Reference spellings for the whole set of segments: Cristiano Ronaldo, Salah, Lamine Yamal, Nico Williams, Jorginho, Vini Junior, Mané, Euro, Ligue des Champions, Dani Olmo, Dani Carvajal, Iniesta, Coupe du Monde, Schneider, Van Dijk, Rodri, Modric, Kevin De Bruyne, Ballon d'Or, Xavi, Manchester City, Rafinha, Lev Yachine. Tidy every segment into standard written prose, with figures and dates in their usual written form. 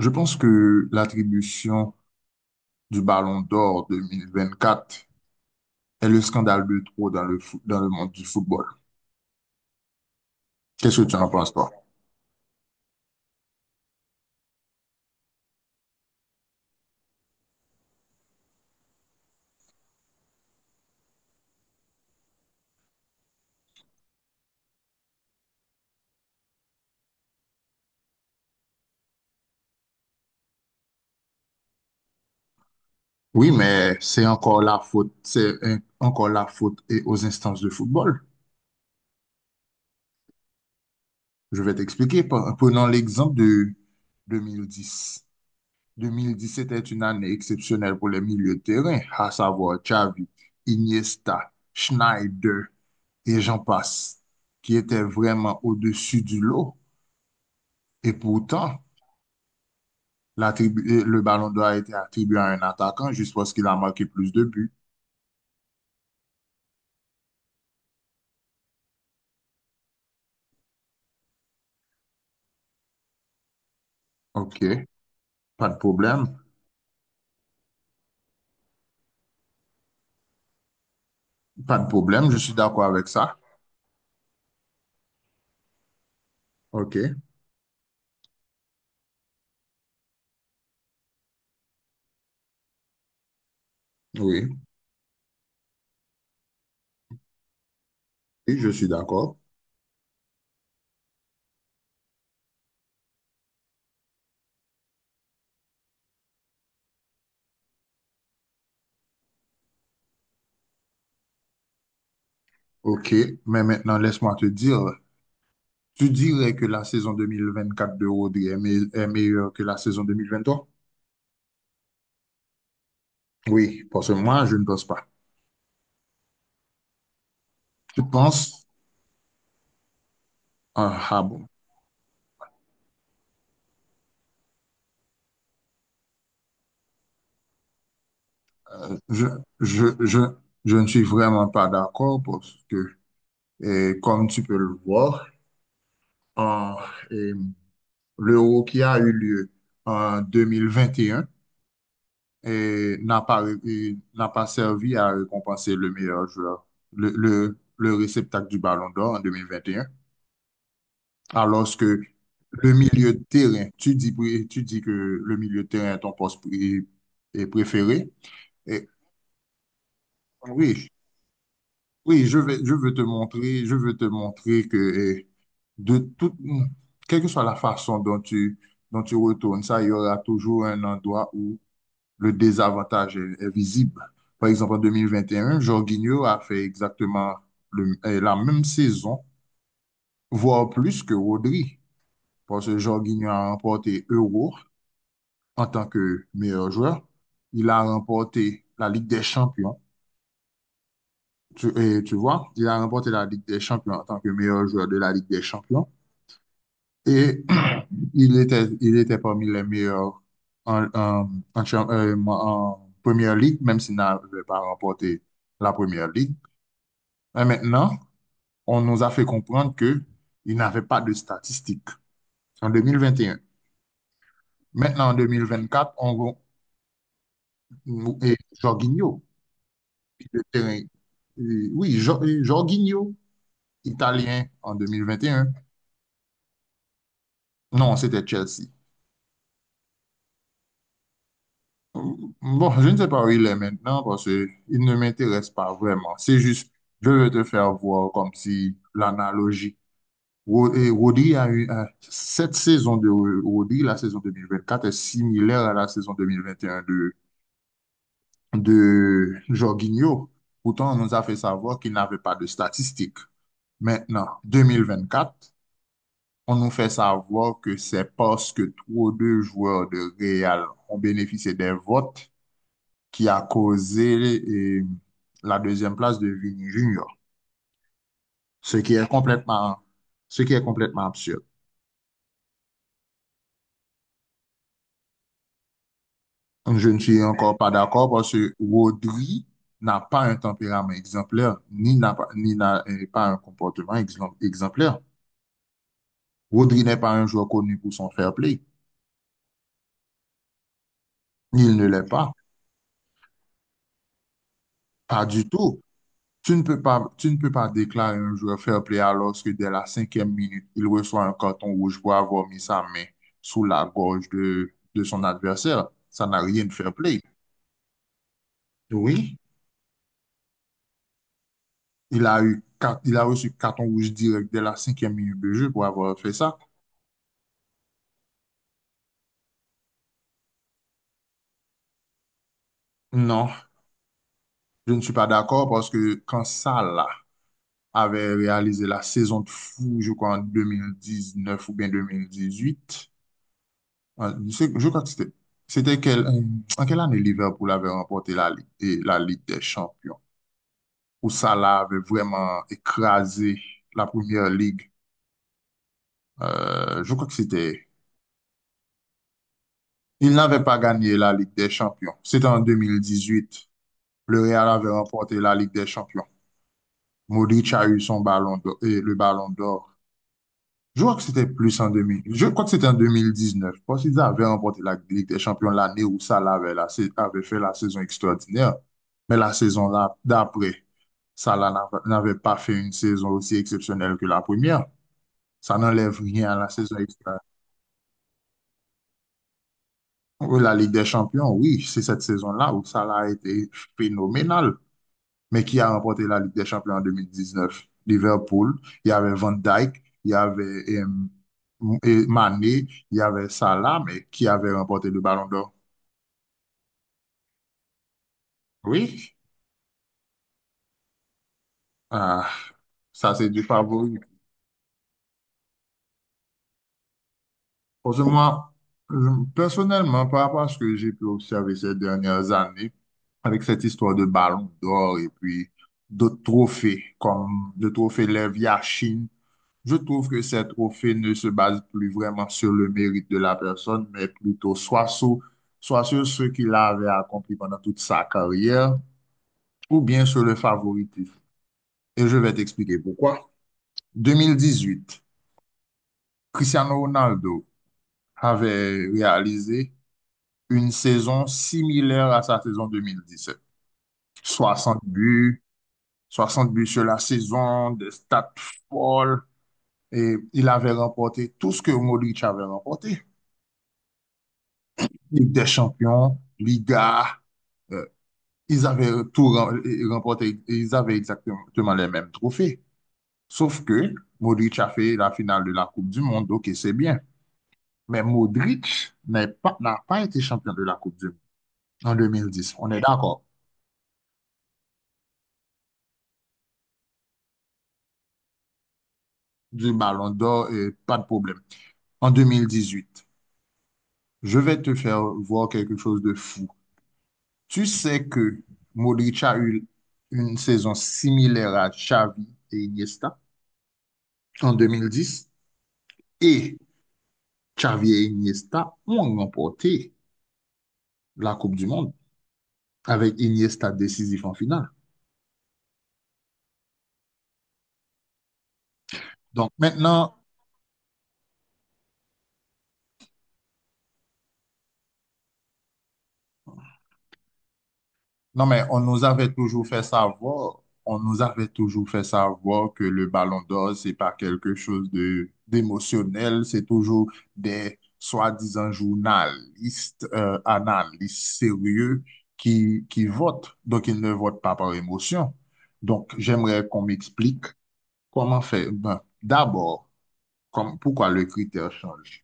Je pense que l'attribution du Ballon d'Or 2024 est le scandale de trop dans le monde du football. Qu'est-ce que tu en penses, toi? Oui, mais c'est encore la faute, encore la faute et aux instances de football. Je vais t'expliquer. Prenons l'exemple de 2010. 2010 était une année exceptionnelle pour les milieux de terrain, à savoir Xavi, Iniesta, Schneider et j'en passe, qui étaient vraiment au-dessus du lot. Et pourtant, le ballon d'or a été attribué à un attaquant juste parce qu'il a marqué plus de buts. OK, pas de problème. Pas de problème, je suis d'accord avec ça. OK, oui, oui, je suis d'accord. OK, mais maintenant, laisse-moi te dire, tu dirais que la saison 2024 de Rodri est meilleure que la saison 2023? Oui, parce que moi, je ne pense pas. Tu penses? Ah, ah bon. Euh, je, je, je, je ne suis vraiment pas d'accord parce que, comme tu peux le voir, en, l'Euro qui a eu lieu en 2021 et un et n'a pas servi à récompenser le meilleur joueur, le réceptacle du Ballon d'Or en 2021, alors que le milieu de terrain, tu dis, tu dis que le milieu de terrain est ton poste est préféré. Et oui, oui, je vais, je veux te montrer que eh, de toute, quelle que soit la façon dont tu retournes ça, il y aura toujours un endroit où le désavantage est visible. Par exemple, en 2021, Jorginho a fait exactement la même saison, voire plus que Rodri, parce que Jorginho a remporté Euro en tant que meilleur joueur. Il a remporté la Ligue des Champions. Et tu vois, il a remporté la Ligue des Champions en tant que meilleur joueur de la Ligue des Champions. Et il était parmi les meilleurs en, en, en, cha- en en première ligue, même s'il n'avait pas remporté la première ligue. Mais maintenant, on nous a fait comprendre que il n'avait pas de statistiques en 2021. Maintenant, en 2024, on va- nous- et Jorginho, le terrain- oui, Jorginho, italien en 2021. Non, c'était Chelsea. Bon, je ne sais pas où il est maintenant parce qu'il ne m'intéresse pas vraiment. C'est juste, je veux te faire voir comme si l'analogie Rodri cette saison de Rodri, la saison 2024 est similaire à la saison 2021 de Jorginho. Pourtant, on nous a fait savoir qu'il n'avait pas de statistiques. Maintenant, 2024, on nous fait savoir que c'est parce que trop de joueurs de Real ont bénéficié des votes qui a causé la deuxième place de Vini Junior, ce qui est complètement, ce qui est complètement absurde. Je ne suis encore pas d'accord parce que Rodri n'a pas un tempérament exemplaire, ni n'a pas un comportement exemplaire. Rodri n'est pas un joueur connu pour son fair play. Il ne l'est pas. Pas du tout. Tu ne peux pas déclarer un joueur fair play alors que dès la cinquième minute, il reçoit un carton rouge pour avoir mis sa main sous la gorge de son adversaire. Ça n'a rien de fair play. Oui, il a reçu carton rouge direct dès la cinquième minute de jeu pour avoir fait ça. Non, je ne suis pas d'accord parce que quand Salah avait réalisé la saison de fou, je crois en 2019 ou bien 2018, je crois que c'était en quelle année Liverpool avait remporté la Ligue, et la Ligue des Champions, où Salah avait vraiment écrasé la première ligue. Je crois que c'était, il n'avait pas gagné la Ligue des Champions. C'était en 2018. Le Real avait remporté la Ligue des Champions. Modric a eu son ballon d'or, et le ballon d'or. Je crois que c'était plus en 2000. Je crois que c'était en 2019. Je pense qu'ils avaient remporté la Ligue des Champions l'année où Salah avait fait la saison extraordinaire. Mais la saison d'après, Salah n'avait pas fait une saison aussi exceptionnelle que la première. Ça n'enlève rien à la saison extraordinaire. La Ligue des Champions, oui, c'est cette saison-là où Salah a été phénoménal. Mais qui a remporté la Ligue des Champions en 2019? Liverpool, il y avait Van Dijk, il y avait et Mané, il y avait Salah, mais qui avait remporté le Ballon d'Or? Oui. Ah, ça c'est du favori. Parce que moi, personnellement, par rapport à ce que j'ai pu observer ces dernières années, avec cette histoire de Ballon d'Or et puis d'autres trophées, comme le trophée Lev Yachine, je trouve que ces trophées ne se base plus vraiment sur le mérite de la personne, mais plutôt soit sur ce qu'il avait accompli pendant toute sa carrière, ou bien sur le favoritisme. Et je vais t'expliquer pourquoi. 2018, Cristiano Ronaldo avait réalisé une saison similaire à sa saison 2017. 60 buts, 60 buts sur la saison, des stats folles, et il avait remporté tout ce que Modric avait remporté. Ligue des Champions, Liga, euh, ils avaient tout remporté, ils avaient exactement les mêmes trophées. Sauf que Modric a fait la finale de la Coupe du Monde, ok, c'est bien. Mais Modric n'a pas été champion de la Coupe du Monde en 2010. On est d'accord. Du Ballon d'Or, pas de problème. En 2018, je vais te faire voir quelque chose de fou. Tu sais que Modric a eu une saison similaire à Xavi et Iniesta en 2010. Et Xavi et Iniesta ont remporté la Coupe du Monde avec Iniesta décisif en finale. Donc maintenant, non mais on nous avait toujours fait savoir, on nous avait toujours fait savoir que le Ballon d'Or, c'est pas quelque chose de d'émotionnel, c'est toujours des soi-disant journalistes, analystes sérieux qui votent. Donc ils ne votent pas par émotion. Donc j'aimerais qu'on m'explique comment faire. Ben, d'abord, pourquoi le critère change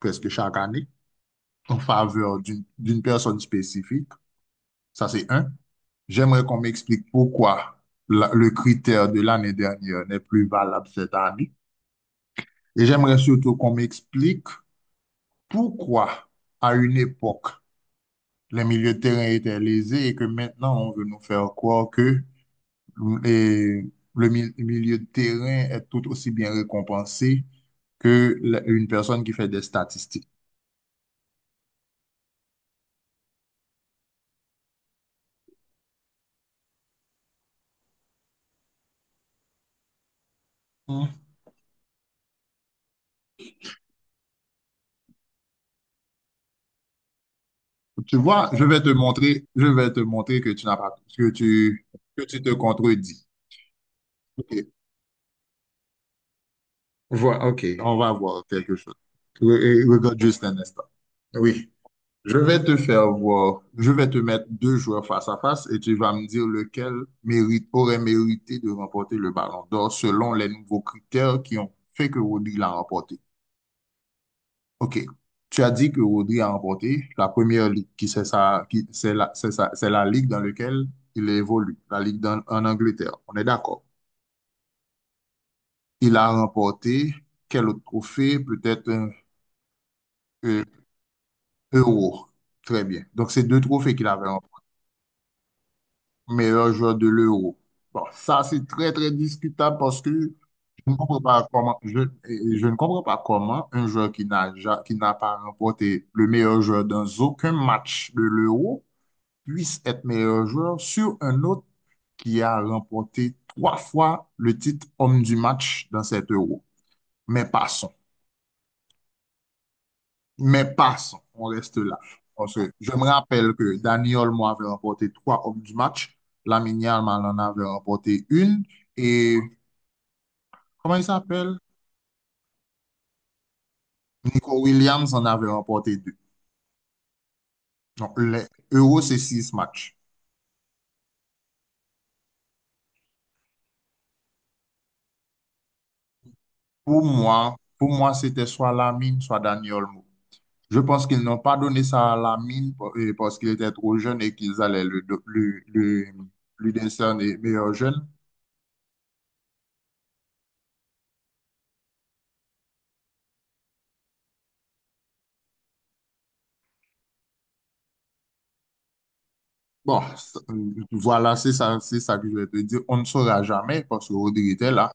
presque chaque année en faveur d'une personne spécifique? Ça, c'est un. J'aimerais qu'on m'explique pourquoi le critère de l'année dernière n'est plus valable cette année. Et j'aimerais surtout qu'on m'explique pourquoi, à une époque, les milieux de terrain étaient lésés et que maintenant, on veut nous faire croire que les- milieu de terrain est tout aussi bien récompensé que une personne qui fait des statistiques. Tu vois, je vais te montrer que tu n'as pas, que tu te contredis. Ok. Ok. On va voir quelque chose. Regarde juste un instant. Oui. Je vais te faire voir, je vais te mettre deux joueurs face à face et tu vas me dire lequel mérite, aurait mérité de remporter le ballon d'or selon les nouveaux critères qui ont fait que Rodri l'a remporté. OK. Tu as dit que Rodri a remporté la première ligue, qui c'est ça, qui c'est la, c'est ça- c'est la ligue dans laquelle il évolue, en Angleterre. On est d'accord. Il a remporté quel autre trophée? Peut-être un Euro. Très bien. Donc, c'est deux trophées qu'il avait remporté. Meilleur joueur de l'Euro. Bon, ça, c'est très, très discutable parce que je ne comprends pas comment, je, je ne comprends pas comment un joueur qui n'a pas remporté le meilleur joueur dans aucun match de l'Euro puisse être meilleur joueur sur un autre qui a remporté trois fois le titre homme du match dans cet euro. Mais passons. Mais passons. On reste là. Parce que je me rappelle que Dani Olmo avait remporté trois hommes du match. Lamine Yamal en avait remporté une. Et comment il s'appelle? Nico Williams en avait remporté deux. Donc, l'euro, c'est six matchs. Pour moi, c'était soit Lamine, soit Dani Olmo. Je pense qu'ils n'ont pas donné ça à la mine parce qu'il était trop jeune et qu'ils allaient le, do- le- lui décerner meilleur jeune. Bon, voilà, c'est ça que je vais te dire. On ne saura jamais parce que Rodri était là.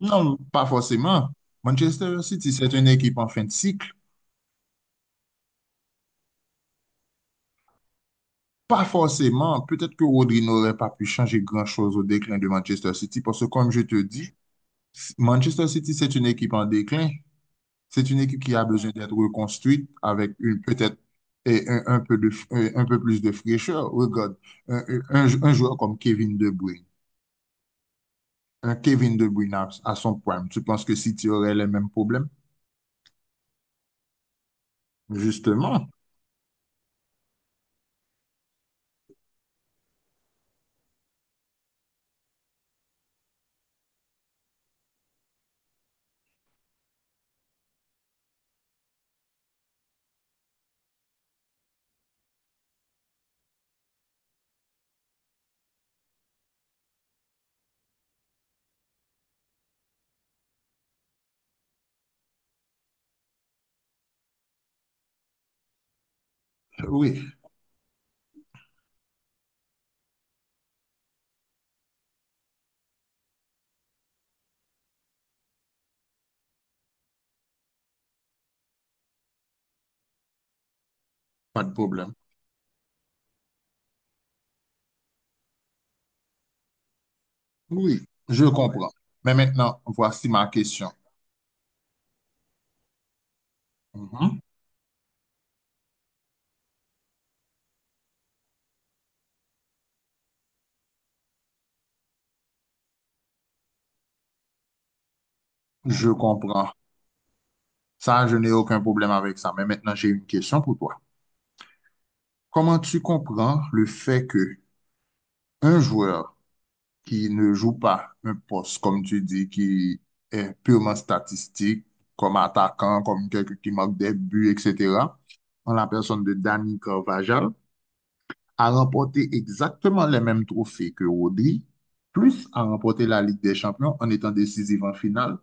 Non, pas forcément. Manchester City, c'est une équipe en fin de cycle. Pas forcément. Peut-être que Rodri n'aurait pas pu changer grand-chose au déclin de Manchester City parce que, comme je te dis, Manchester City, c'est une équipe en déclin. C'est une équipe qui a besoin d'être reconstruite avec une peut-être et un, un peu de, un peu plus de fraîcheur. Regarde, un, un joueur comme Kevin De Bruyne, un Kevin De Bruyne à son prime, tu penses que City aurait les mêmes problèmes? Justement. Oui, pas de problème. Oui, je comprends. Mais maintenant, voici ma question. Mhm. Je comprends. Ça, je n'ai aucun problème avec ça. Mais maintenant, j'ai une question pour toi. Comment tu comprends le fait que un joueur qui ne joue pas un poste, comme tu dis, qui est purement statistique, comme attaquant, comme quelqu'un qui marque des buts, etc., en la personne de Dani Carvajal, a remporté exactement les mêmes trophées que Rodri, plus a remporté la Ligue des Champions en étant décisif en finale